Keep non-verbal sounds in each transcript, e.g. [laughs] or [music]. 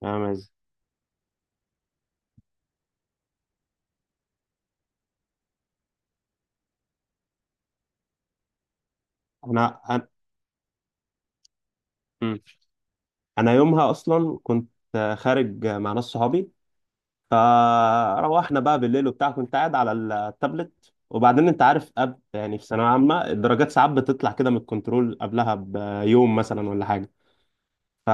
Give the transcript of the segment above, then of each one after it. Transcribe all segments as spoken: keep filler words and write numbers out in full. فاهم ازاي؟ انا انا مم. انا يومها اصلا كنت خارج مع ناس صحابي. فروحنا بقى بالليل وبتاع، كنت قاعد على التابلت. وبعدين انت عارف أب، يعني في ثانويه عامه الدرجات ساعات بتطلع كده من الكنترول قبلها بيوم مثلا ولا حاجه. ف...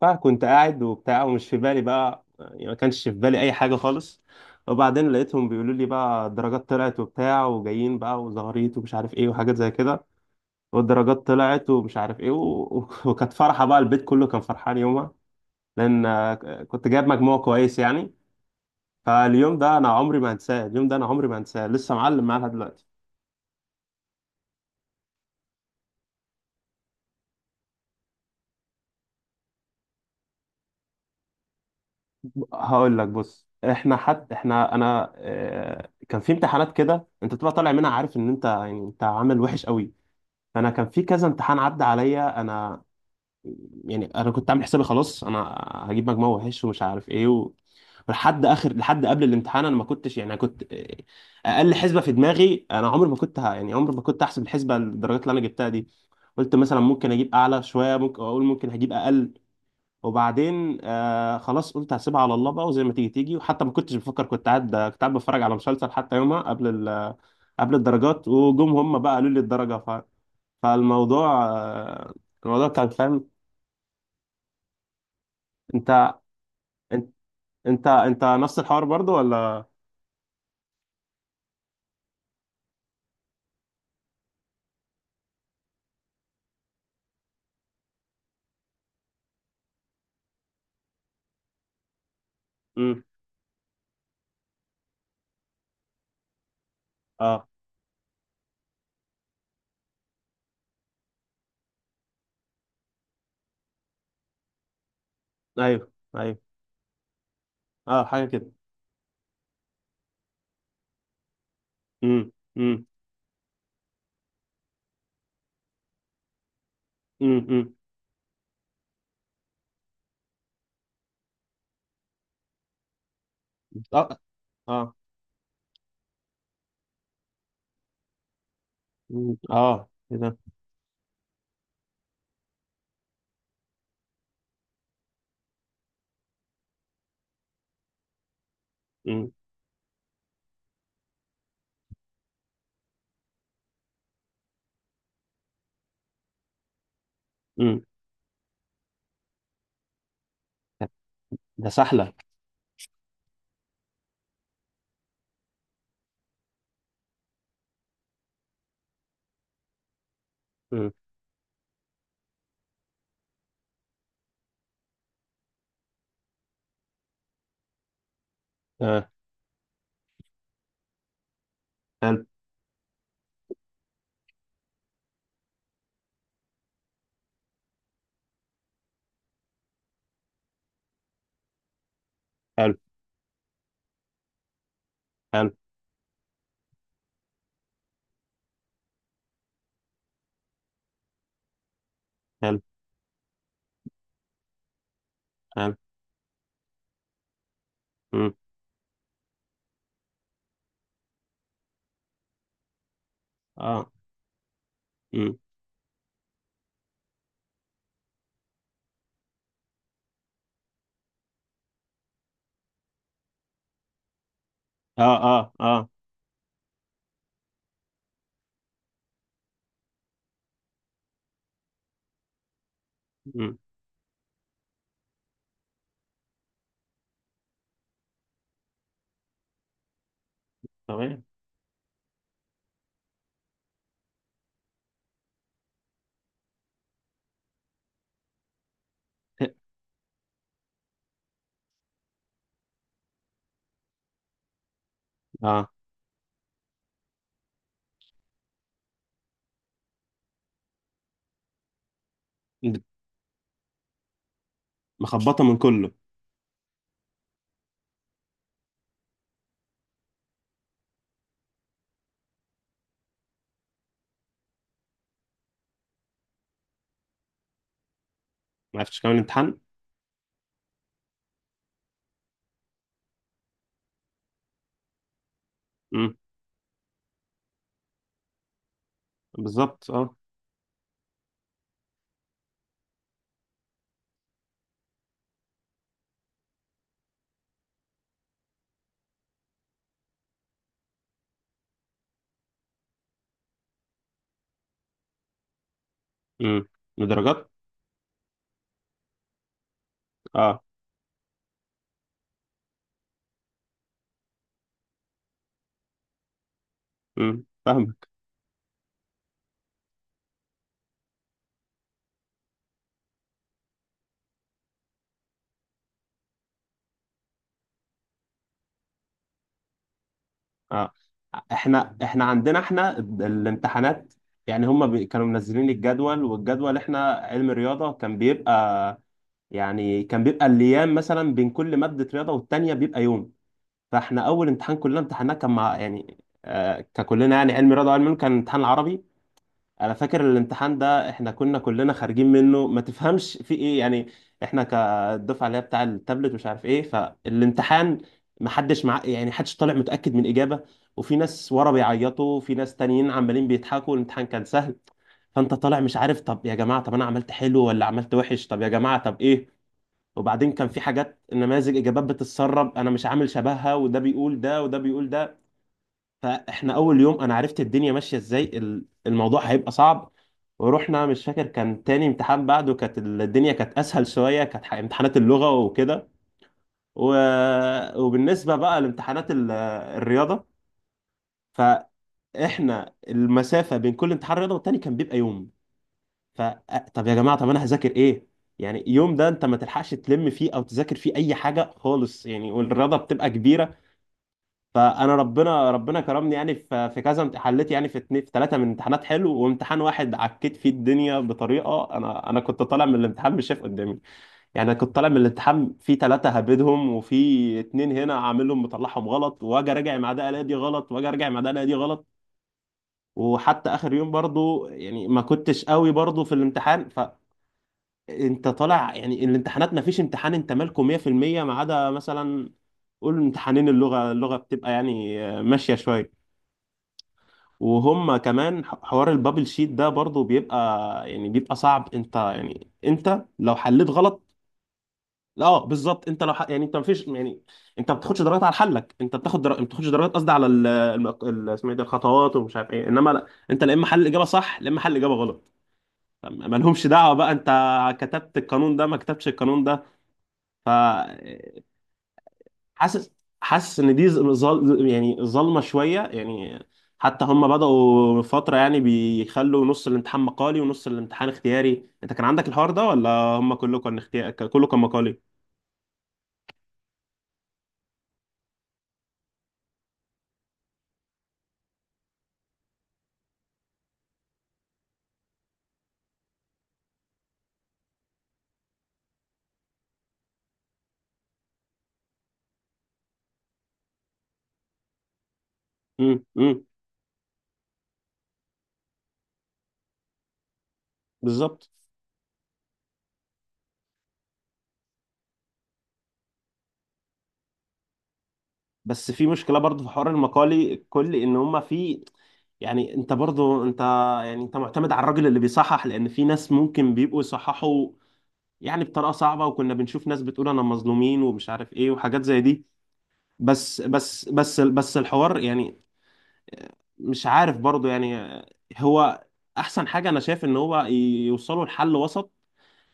فكنت قاعد وبتاع ومش في بالي بقى، يعني ما كانش في بالي اي حاجه خالص. وبعدين لقيتهم بيقولوا لي بقى الدرجات طلعت وبتاع وجايين بقى وزهريت ومش عارف ايه وحاجات زي كده. والدرجات طلعت ومش عارف ايه و... و- [laughs] وكانت فرحة بقى، البيت كله كان فرحان يومها. لان آه، كنت جايب مجموع كويس يعني. فاليوم ده انا عمري ما هنساه، اليوم ده انا عمري ما هنساه، لسه معلم معايا لحد دلوقتي. هقول لك، بص، احنا حد احنا انا آه، كان في امتحانات كده انت بتبقى طالع منها عارف ان انت يعني انت عامل وحش قوي. فانا كان في كذا امتحان عدى عليا انا، يعني انا كنت عامل حسابي خلاص. انا هجيب مجموع وحش ومش عارف ايه و... ولحد اخر، لحد قبل الامتحان، انا ما كنتش، يعني انا كنت اقل حسبه في دماغي. انا عمري ما كنت ه... يعني عمري ما كنت احسب الحسبه الدرجات اللي انا جبتها دي. قلت مثلا ممكن اجيب اعلى شويه، ممكن اقول ممكن هجيب اقل. وبعدين آه خلاص قلت هسيبها على الله بقى، وزي ما تيجي تيجي. وحتى ما كنتش بفكر، كنت قاعد كنت قاعد بتفرج على مسلسل حتى يومها قبل ال... قبل الدرجات. وجم هم بقى قالوا لي الدرجه. ف... فالموضوع آه، الموضوع كان فاهم. انت، انت، انت انت نفس الحوار برضو ولا؟ امم. اه. ايوه ايوه. اه، حاجه كده. امم. امم. امم. امم. اه. اه. مم. اه كده. امم. امم. ده سهله. امم. اه. حلو. حلو. حلو. حلو. حلو. امم. اه. امم. اه. اه. اه. امم. تمام. اه. مخبطه من كله. ما عرفتش كمان الامتحان. امم. بالظبط اه. امم. درجات. اه. امم فاهم. اه. احنا احنا عندنا احنا ال- الامتحانات، يعني هم بي... كانوا منزلين الجدول. والجدول احنا علم رياضة كان بيبقى، يعني كان بيبقى الايام مثلا بين كل مادة رياضة والتانية بيبقى يوم. فاحنا اول امتحان كلنا امتحناه كان مع يعني آه ككلنا يعني علم رياضة وعلم علوم، كان امتحان العربي. انا فاكر الامتحان ده احنا كنا كلنا خارجين منه ما تفهمش في ايه يعني. احنا كالدفعه اللي هي بتاع التابلت مش عارف ايه. فالامتحان ما حدش مع، يعني حدش طالع متاكد من اجابه. وفي ناس ورا بيعيطوا وفي ناس تانيين عمالين بيضحكوا، الامتحان كان سهل. فانت طالع مش عارف، طب يا جماعه طب انا عملت حلو ولا عملت وحش، طب يا جماعه طب ايه. وبعدين كان في حاجات نماذج اجابات بتتسرب انا مش عامل شبهها، وده بيقول ده وده بيقول ده. فاحنا اول يوم انا عرفت الدنيا ماشيه ازاي، ال- الموضوع هيبقى صعب. ورحنا، مش فاكر، كان تاني امتحان بعده كانت ال- الدنيا كانت اسهل شويه، كانت ح- امتحانات اللغه وكده. و... وبالنسبه بقى لامتحانات ال- الرياضه، فاحنا المسافه بين كل امتحان رياضه والتاني كان بيبقى يوم. ف طب يا جماعه، طب انا هذاكر ايه؟ يعني يوم ده انت ما تلحقش تلم فيه او تذاكر فيه اي حاجه خالص يعني، والرياضه بتبقى كبيره. فانا ربنا ربنا كرمني يعني، في في كذا امت- حليت يعني، في اتنين في ثلاثه من امتحانات حلو، وامتحان واحد عكيت فيه الدنيا بطريقه، انا انا كنت طالع من الامتحان مش شايف قدامي. يعني انا كنت طالع من الامتحان في ثلاثه هبدهم، وفي اتنين هنا عاملهم مطلعهم غلط، واجي راجع مع ده الاقي دي غلط، واجي راجع مع ده الاقي دي غلط. وحتى اخر يوم برضو يعني ما كنتش قوي برضو في الامتحان. فانت طالع يعني الامتحانات ما فيش امتحان انت مالكه مية في المية، ما عدا مثلا قول امتحانين اللغه. اللغه بتبقى يعني آه، ماشيه شويه. وهم كمان ح- حوار البابل شيت ده برضو بيبقى، يعني بيبقى صعب. انت يعني انت لو حليت غلط، لا اه بالظبط. انت لو ح... يعني انت مفيش يعني، انت ما بتاخدش درجات على حلك. انت بتاخد در... ما بتاخدش درجات، قصدي على ال... الم- ال... اسمه ايه ده، الخطوات ومش عارف ايه، انما لا، انت لا اما حل الاجابه صح لا اما حل الاجابه غلط. فم- مالهمش دعوه بقى انت كتبت القانون ده ما كتبتش القانون ده. ف حاسس، حاسس ان دي ظل ظل- يعني ظلمه شويه يعني. حتى هم بدأوا فتره يعني بيخلوا نص الامتحان مقالي ونص الامتحان اختياري. انت كان عندك الحوار ده ولا هم كله كان اختياري كله كان مقالي؟ امم. امم. بالظبط. بس في مشكله برضه في حوار المقالي، كل ان هم في، يعني انت برضه انت، يعني انت معتمد على الراجل اللي بيصحح، لان في ناس ممكن بيبقوا يصححوا يعني بطريقه صعبه. وكنا بنشوف ناس بتقول انا مظلومين ومش عارف ايه وحاجات زي دي. بس بس بس بس الحوار يعني مش عارف برضو يعني. هو احسن حاجة انا شايف ان هو يوصلوا لحل وسط،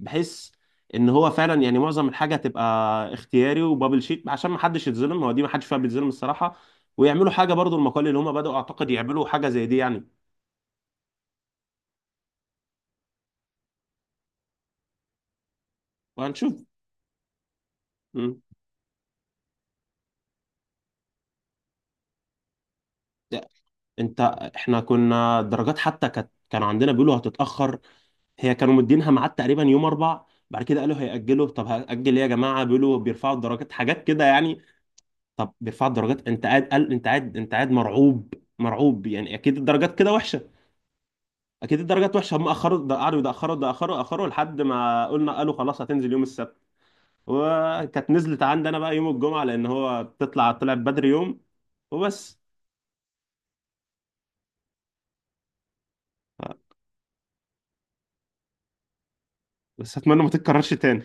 بحيث ان هو فعلا يعني معظم الحاجة تبقى اختياري وبابل شيت، عشان ما حدش يتظلم. هو دي ما حدش فيها بيتظلم الصراحة. ويعملوا حاجة برضو المقال اللي هم بدأوا اعتقد يعملوا حاجة زي دي يعني. وهنشوف. مم. ده- انت، احنا كنا الدرجات حتى كانت، كانوا عندنا بيقولوا هتتأخر. هي كانوا مدينها ميعاد تقريبا يوم اربع. بعد كده قالوا هيأجلوا. طب هأجل ايه يا جماعه؟ بيقولوا بيرفعوا الدرجات، حاجات كده يعني. طب بيرفعوا الدرجات، انت قاعد، قال انت قاعد، انت قاعد مرعوب، مرعوب، يعني اكيد الدرجات كده وحشه، اكيد الدرجات وحشه. هم اخروا، ده قعدوا يتاخروا يتاخروا اخروا لحد ما قلنا، قالوا خلاص هتنزل يوم السبت. وكانت نزلت عندي انا بقى يوم الجمعه، لان هو بتطلع، طلعت بدري يوم. وبس. بس اتمنى ما تتكررش تاني.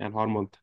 يعني حوار ممتع.